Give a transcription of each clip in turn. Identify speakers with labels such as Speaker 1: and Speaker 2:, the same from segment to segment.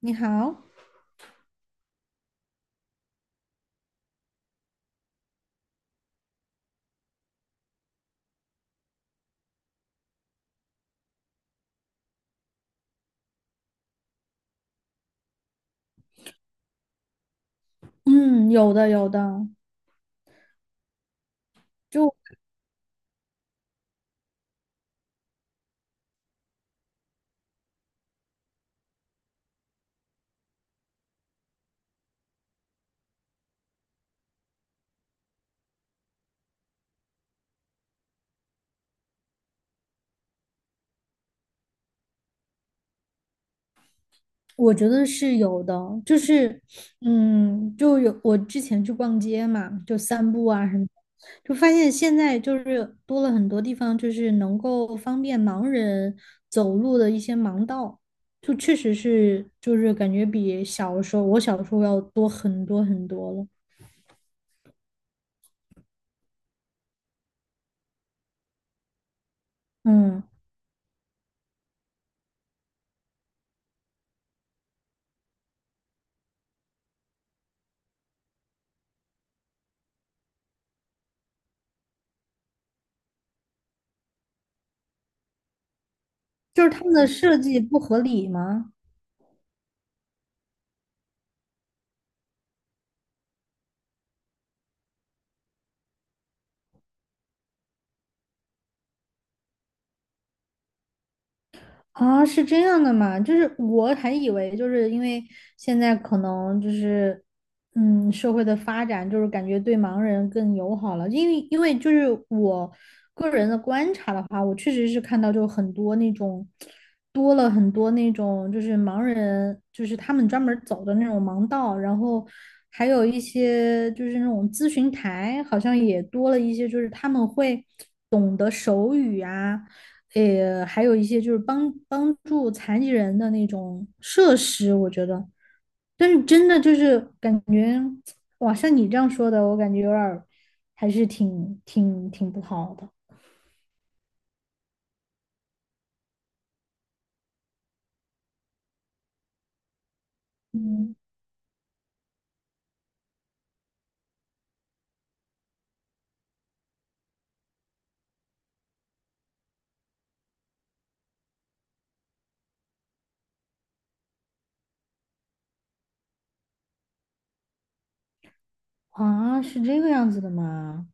Speaker 1: 你好，嗯，有的有的，就我觉得是有的，就是嗯，就有我之前去逛街嘛，就散步啊什么的，就发现现在就是多了很多地方，就是能够方便盲人走路的一些盲道，确实是感觉比小的时候要多很多很多了。嗯，就是他们的设计不合理吗？啊，是这样的嘛？就是我还以为，就是因为现在可能就是，嗯，社会的发展就是感觉对盲人更友好了，因为就是我个人的观察的话，我确实是看到就很多那种就是盲人，就是他们专门儿走的那种盲道，然后还有一些就是那种咨询台，好像也多了一些，就是他们会懂得手语啊。还有一些就是帮助残疾人的那种设施，我觉得，但是真的就是感觉，哇，像你这样说的，我感觉有点儿还是挺不好的。嗯，啊，是这个样子的吗？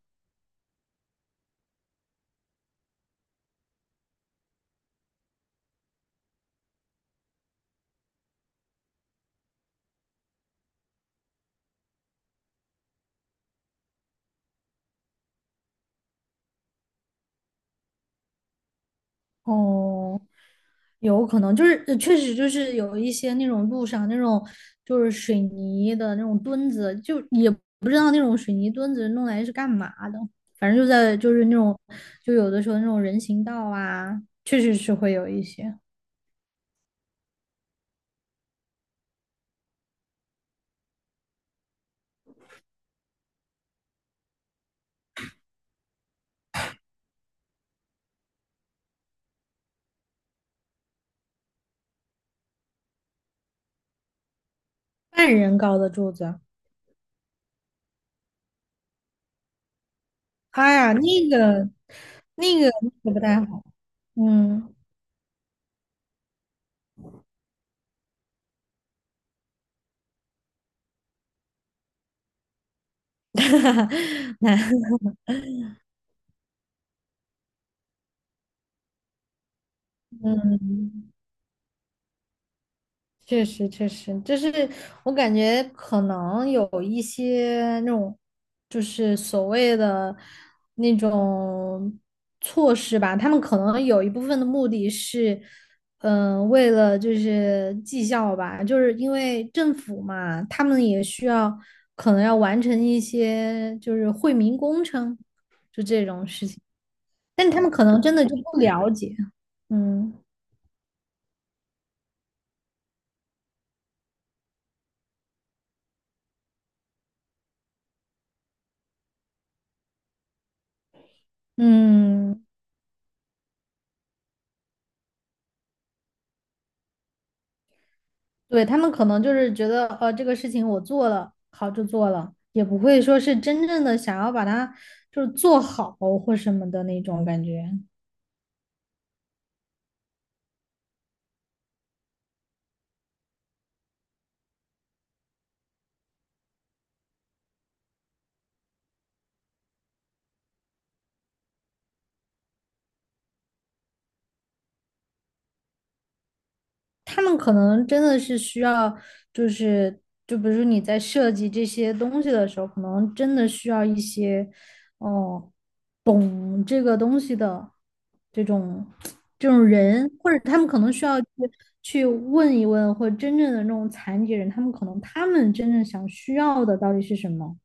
Speaker 1: 哦，有可能就是确实就是有一些那种路上那种就是水泥的那种墩子，就也不知道那种水泥墩子弄来是干嘛的，反正就在就是那种就有的时候那种人行道啊，确实是会有一些半人高的柱子。哎呀，那个那个不太好，嗯，那嗯。确实，确实，就是我感觉可能有一些那种，就是所谓的那种措施吧，他们可能有一部分的目的是，嗯、为了就是绩效吧，就是因为政府嘛，他们也需要可能要完成一些就是惠民工程，就这种事情，但他们可能真的就不了解。嗯嗯。对，他们可能就是觉得，这个事情我做了，好就做了，也不会说是真正的想要把它就是做好或什么的那种感觉。他们可能真的是需要，就是就比如说你在设计这些东西的时候，可能真的需要一些，哦，懂这个东西的这种这种人，或者他们可能需要去问一问，或者真正的那种残疾人，他们真正想需要的到底是什么。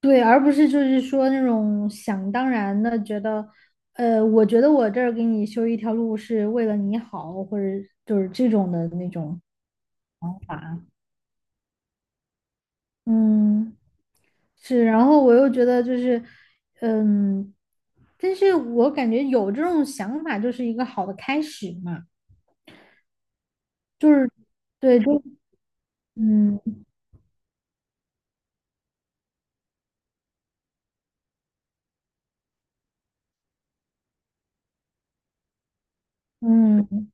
Speaker 1: 对，而不是就是说那种想当然的觉得，我觉得我这儿给你修一条路是为了你好，或者就是这种的那种想法。嗯，是，然后我又觉得就是，嗯，但是我感觉有这种想法就是一个好的开始嘛，就是对，就嗯嗯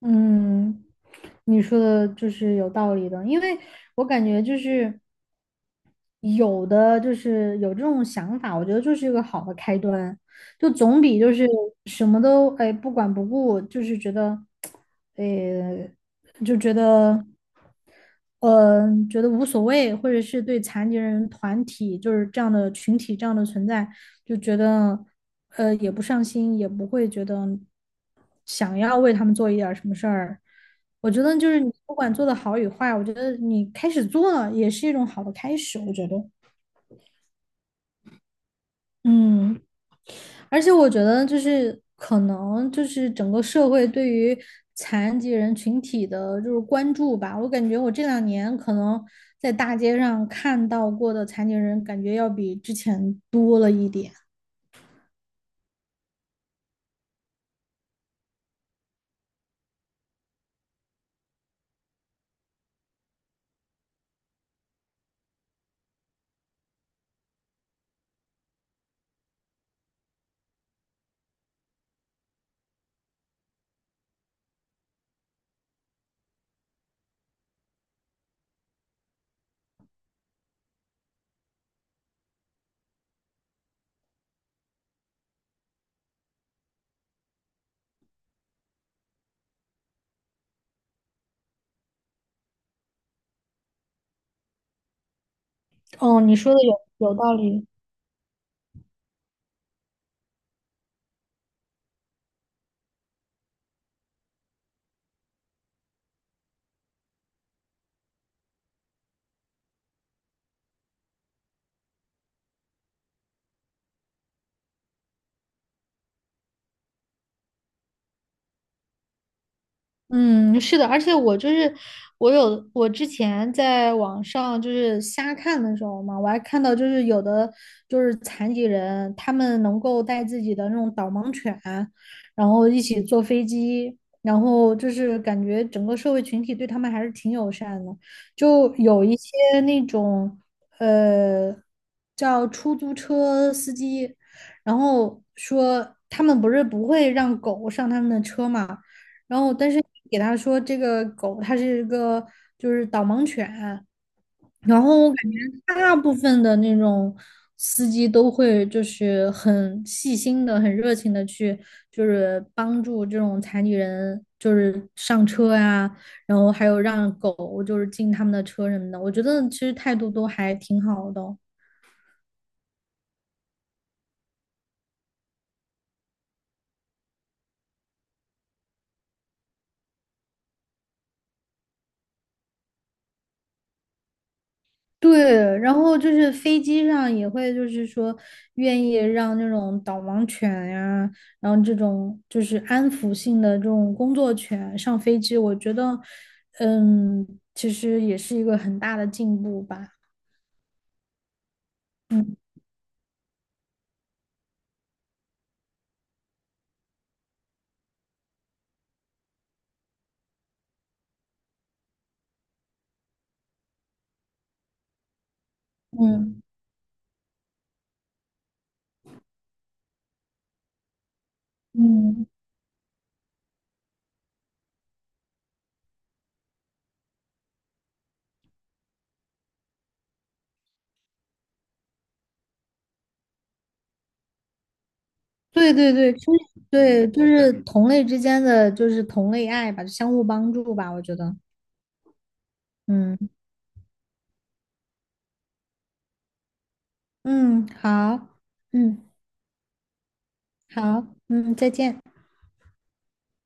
Speaker 1: 嗯，你说的就是有道理的，因为我感觉就是。有的就是有这种想法，我觉得就是一个好的开端。就总比就是什么都哎不管不顾，就是觉得，呃，觉得，觉得无所谓，或者是对残疾人团体就是这样的群体这样的存在，就觉得，也不上心，也不会觉得想要为他们做一点儿什么事儿。我觉得就是你不管做的好与坏，我觉得你开始做了也是一种好的开始，我觉得，嗯。而且我觉得就是可能就是整个社会对于残疾人群体的就是关注吧，我感觉我这两年可能在大街上看到过的残疾人，感觉要比之前多了一点。哦，你说的有道理。嗯，是的，而且我就是我有我之前在网上就是瞎看的时候嘛，我还看到就是有的就是残疾人，他们能够带自己的那种导盲犬，然后一起坐飞机，然后就是感觉整个社会群体对他们还是挺友善的，就有一些那种呃叫出租车司机，然后说他们不会让狗上他们的车嘛。然后但是你给他说这个狗它是一个就是导盲犬，然后我感觉大部分的那种司机都会就是很细心的、很热情的去就是帮助这种残疾人就是上车呀、然后还有让狗就是进他们的车什么的，我觉得其实态度都还挺好的哦。对，然后就是飞机上也会，就是说愿意让那种导盲犬呀，然后这种就是安抚性的这种工作犬上飞机，我觉得，嗯，其实也是一个很大的进步吧。嗯嗯，对对对，其实对，就是同类之间的就是同类爱吧，相互帮助吧，我觉得。嗯嗯，好，嗯好，嗯，再见。